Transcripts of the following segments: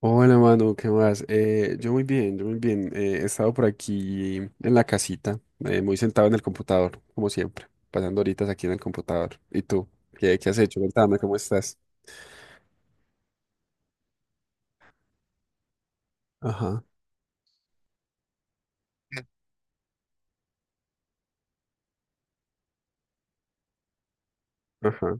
Hola, mano, ¿qué más? Yo muy bien, yo muy bien. He estado por aquí en la casita, muy sentado en el computador, como siempre, pasando horitas aquí en el computador. ¿Y tú? ¿Qué has hecho? Cuéntame, ¿cómo estás? Ajá, ajá.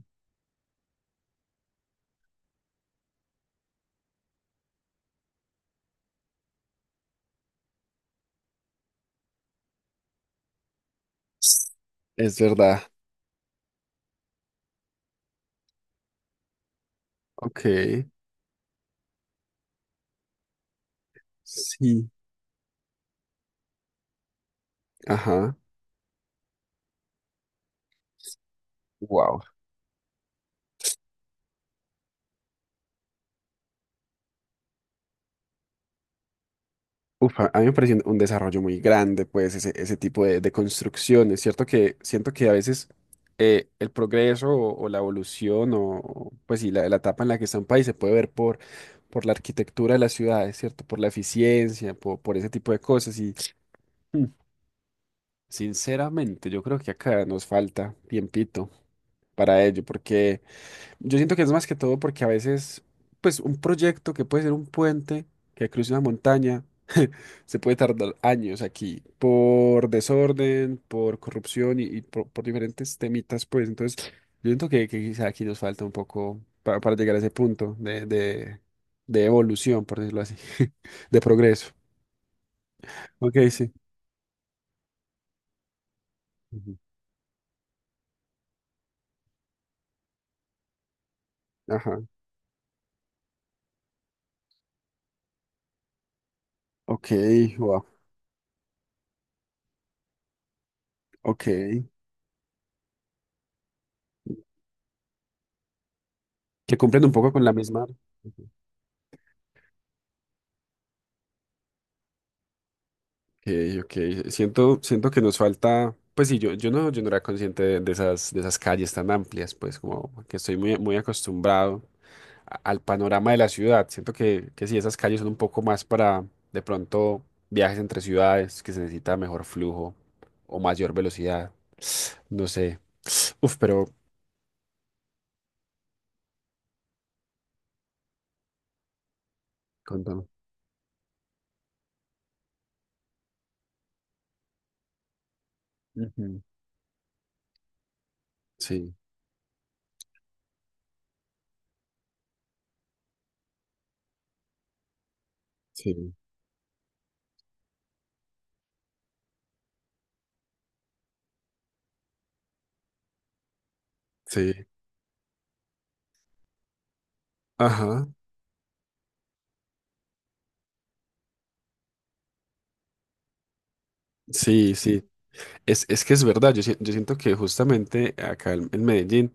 Es verdad. OK, sí, ajá. Wow. Uf, a mí me parece un desarrollo muy grande, pues, ese tipo de construcciones. Es cierto que siento que a veces el progreso o la evolución o, pues, sí, la etapa en la que está un país se puede ver por la arquitectura de las ciudades, ¿cierto? Por la eficiencia, por ese tipo de cosas. Y mm, sinceramente, yo creo que acá nos falta tiempito para ello, porque... Yo siento que es más que todo porque a veces, pues un proyecto que puede ser un puente que cruce una montaña, se puede tardar años aquí por desorden, por corrupción y por diferentes temitas, pues. Entonces, yo siento que quizá aquí nos falta un poco para llegar a ese punto de evolución, por decirlo así, de progreso. OK, sí. Ujú. Ajá. OK, wow. OK. Que cumplen un poco con la misma. OK. OK. Siento que nos falta, pues sí, yo no era consciente de esas calles tan amplias, pues como que estoy muy, muy acostumbrado al panorama de la ciudad. Siento que sí, esas calles son un poco más para de pronto viajes entre ciudades, que se necesita mejor flujo o mayor velocidad. No sé. Uf, pero contame. Ujú. Sí, sí, sí. Ajá. Sí, sí. Es que es verdad. Yo, si- yo siento que justamente acá en Medellín.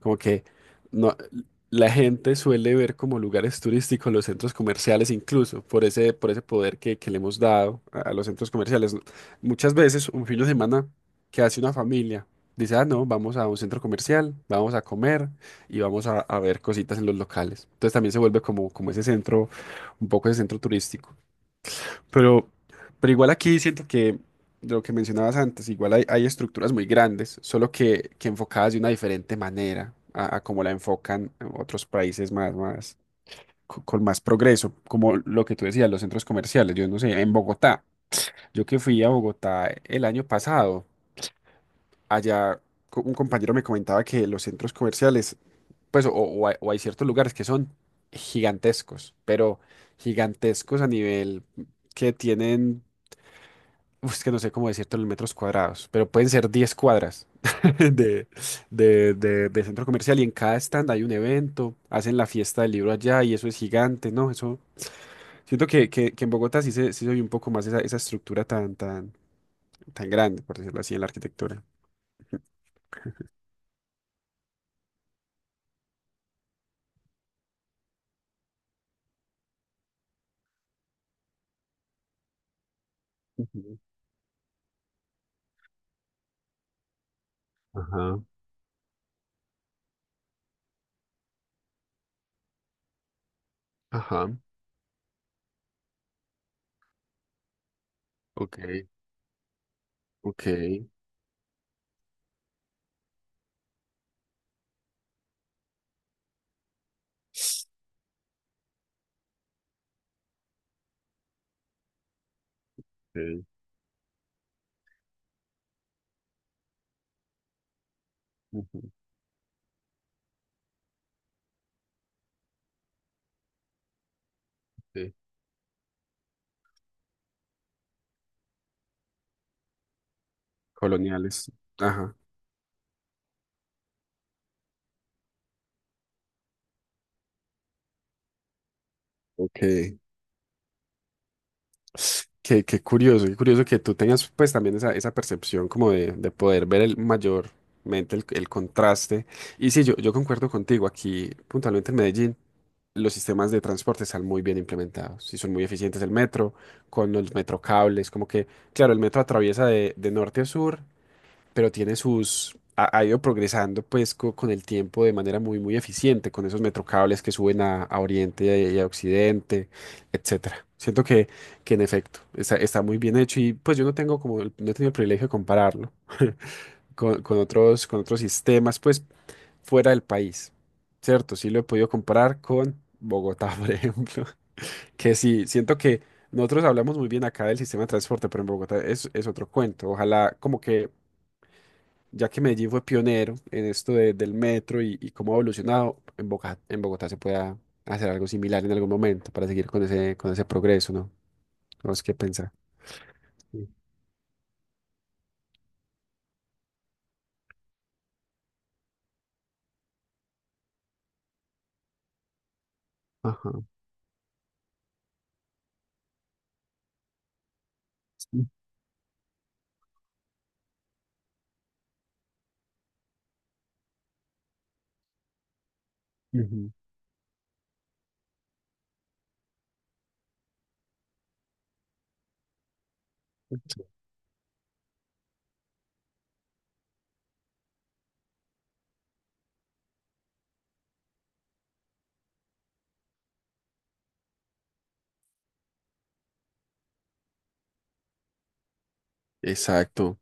Como que no, la gente suele ver como lugares turísticos los centros comerciales, incluso por ese poder que le hemos dado a los centros comerciales. Muchas veces un fin de semana que hace una familia dice, ah, no, vamos a un centro comercial, vamos a comer y vamos a ver cositas en los locales. Entonces también se vuelve como ese centro, un poco ese centro turístico. Pero, pero igual aquí siento que de lo que mencionabas antes, igual hay estructuras muy grandes, solo que enfocadas de una diferente manera a como la enfocan en otros países más, más, con más progreso, como lo que tú decías, los centros comerciales. Yo no sé, en Bogotá, yo que fui a Bogotá el año pasado, allá un compañero me comentaba que los centros comerciales, pues, o hay ciertos lugares que son gigantescos, pero gigantescos a nivel que tienen. Uf, es que no sé cómo decírtelo en metros cuadrados, pero pueden ser 10 cuadras de, de centro comercial y en cada stand hay un evento, hacen la fiesta del libro allá y eso es gigante, ¿no? Eso, siento que en Bogotá sí se oye un poco más esa estructura tan, tan, tan grande, por decirlo así, en la arquitectura. Ujú. Ajá, ajá, OK, OK, OK, ujú, sí, coloniales. Ajá. OK. Qué curioso, qué curioso que tú tengas pues también esa percepción como de poder ver el mayormente el contraste. Y sí, yo concuerdo contigo, aquí puntualmente en Medellín los sistemas de transporte están muy bien implementados y son muy eficientes el metro, con los metrocables, como que, claro, el metro atraviesa de norte a sur pero tiene sus, ha ido progresando pues con el tiempo de manera muy, muy eficiente, con esos metrocables que suben a Oriente y a Occidente, etcétera. Siento que en efecto está muy bien hecho y pues yo no tengo como, no he tenido el privilegio de compararlo con otros sistemas pues fuera del país, ¿cierto? Sí lo he podido comparar con Bogotá, por ejemplo, que sí, siento que... Nosotros hablamos muy bien acá del sistema de transporte, pero en Bogotá es otro cuento. Ojalá como que ya que Medellín fue pionero en esto del metro y cómo ha evolucionado, en Bogotá se pueda hacer algo similar en algún momento para seguir con ese progreso, ¿no? Tenemos que pensar. Sí. Ajá. Sí. Ujú. Exacto,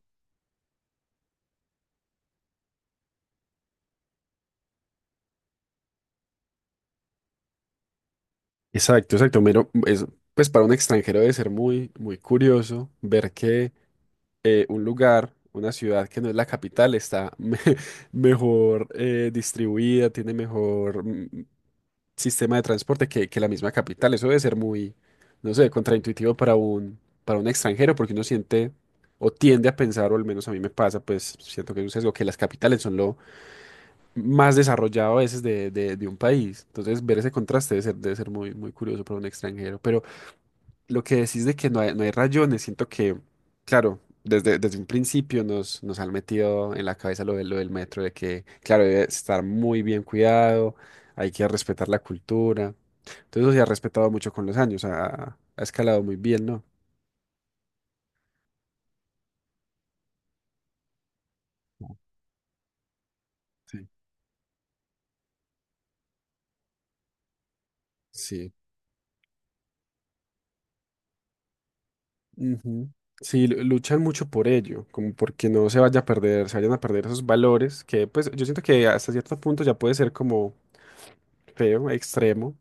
exacto, exacto. Mero, es, pues para un extranjero debe ser muy, muy curioso ver que un lugar, una ciudad que no es la capital está mejor distribuida, tiene mejor, sistema de transporte que la misma capital. Eso debe ser muy, no sé, contraintuitivo para un extranjero, porque uno siente o tiende a pensar, o al menos a mí me pasa, pues siento que es un sesgo, que las capitales son lo, más desarrollado a veces de un país. Entonces, ver ese contraste debe ser muy, muy curioso para un extranjero. Pero lo que decís de que no hay rayones, siento que, claro, desde un principio nos han metido en la cabeza lo del metro, de que, claro, debe estar muy bien cuidado, hay que respetar la cultura. Entonces, eso se ha respetado mucho con los años, ha escalado muy bien, ¿no? Sí. Sí. Ujú. Sí, luchan mucho por ello, como porque no se vaya a perder, se vayan a perder esos valores que pues yo siento que hasta cierto punto ya puede ser como feo, extremo,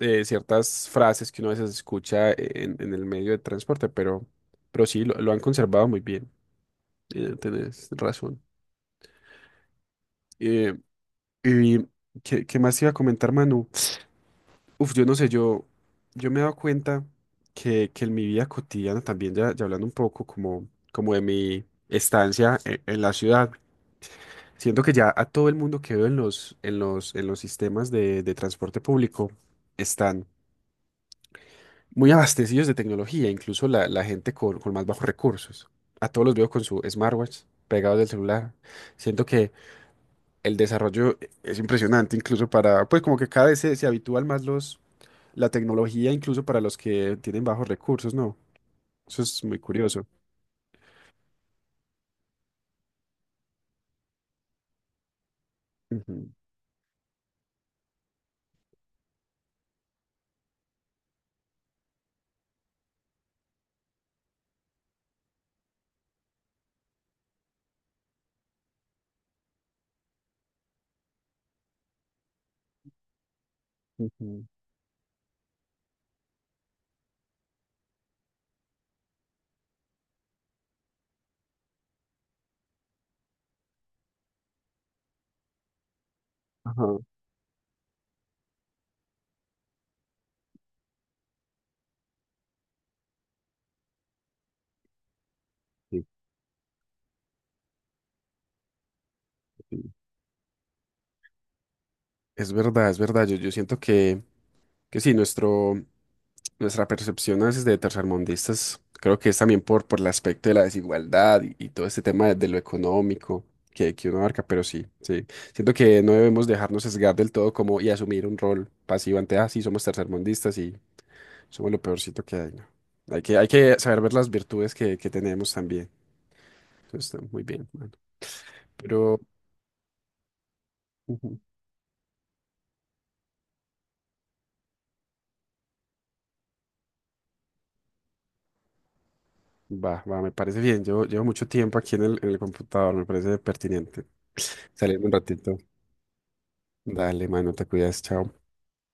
ciertas frases que uno a veces escucha en el medio de transporte, pero sí, lo han conservado muy bien, tenés razón. Eh, y ¿qué más iba a comentar, Manu? Uf, yo no sé, yo me he dado cuenta que en mi vida cotidiana también, ya hablando un poco como de mi estancia en, la ciudad, siento que ya a todo el mundo que veo en los sistemas de transporte público están muy abastecidos de tecnología, incluso la gente con más bajos recursos. A todos los veo con su smartwatch pegados del celular. Siento que el desarrollo es impresionante, incluso para, pues como que cada vez se habitúan más los la tecnología incluso para los que tienen bajos recursos, ¿no? Eso es muy curioso. Ujú, ujú. Ajá. Sí, sí. Es verdad, es verdad. Yo siento que sí, nuestro, nuestra percepción a veces de tercermundistas, creo que es también por el aspecto de la desigualdad y todo este tema de lo económico que uno abarca, pero sí, sí. Siento que no debemos dejarnos sesgar del todo como y asumir un rol pasivo ante, ah, sí, somos tercermundistas. Somos lo peorcito que hay, ¿no? Hay que saber ver las virtudes que tenemos también. Eso está muy bien, mano. Pero ujú, va, va, me parece bien. Yo llevo mucho tiempo aquí en el computador, me parece pertinente. Salir un ratito. Dale, mano, te cuidas, chao.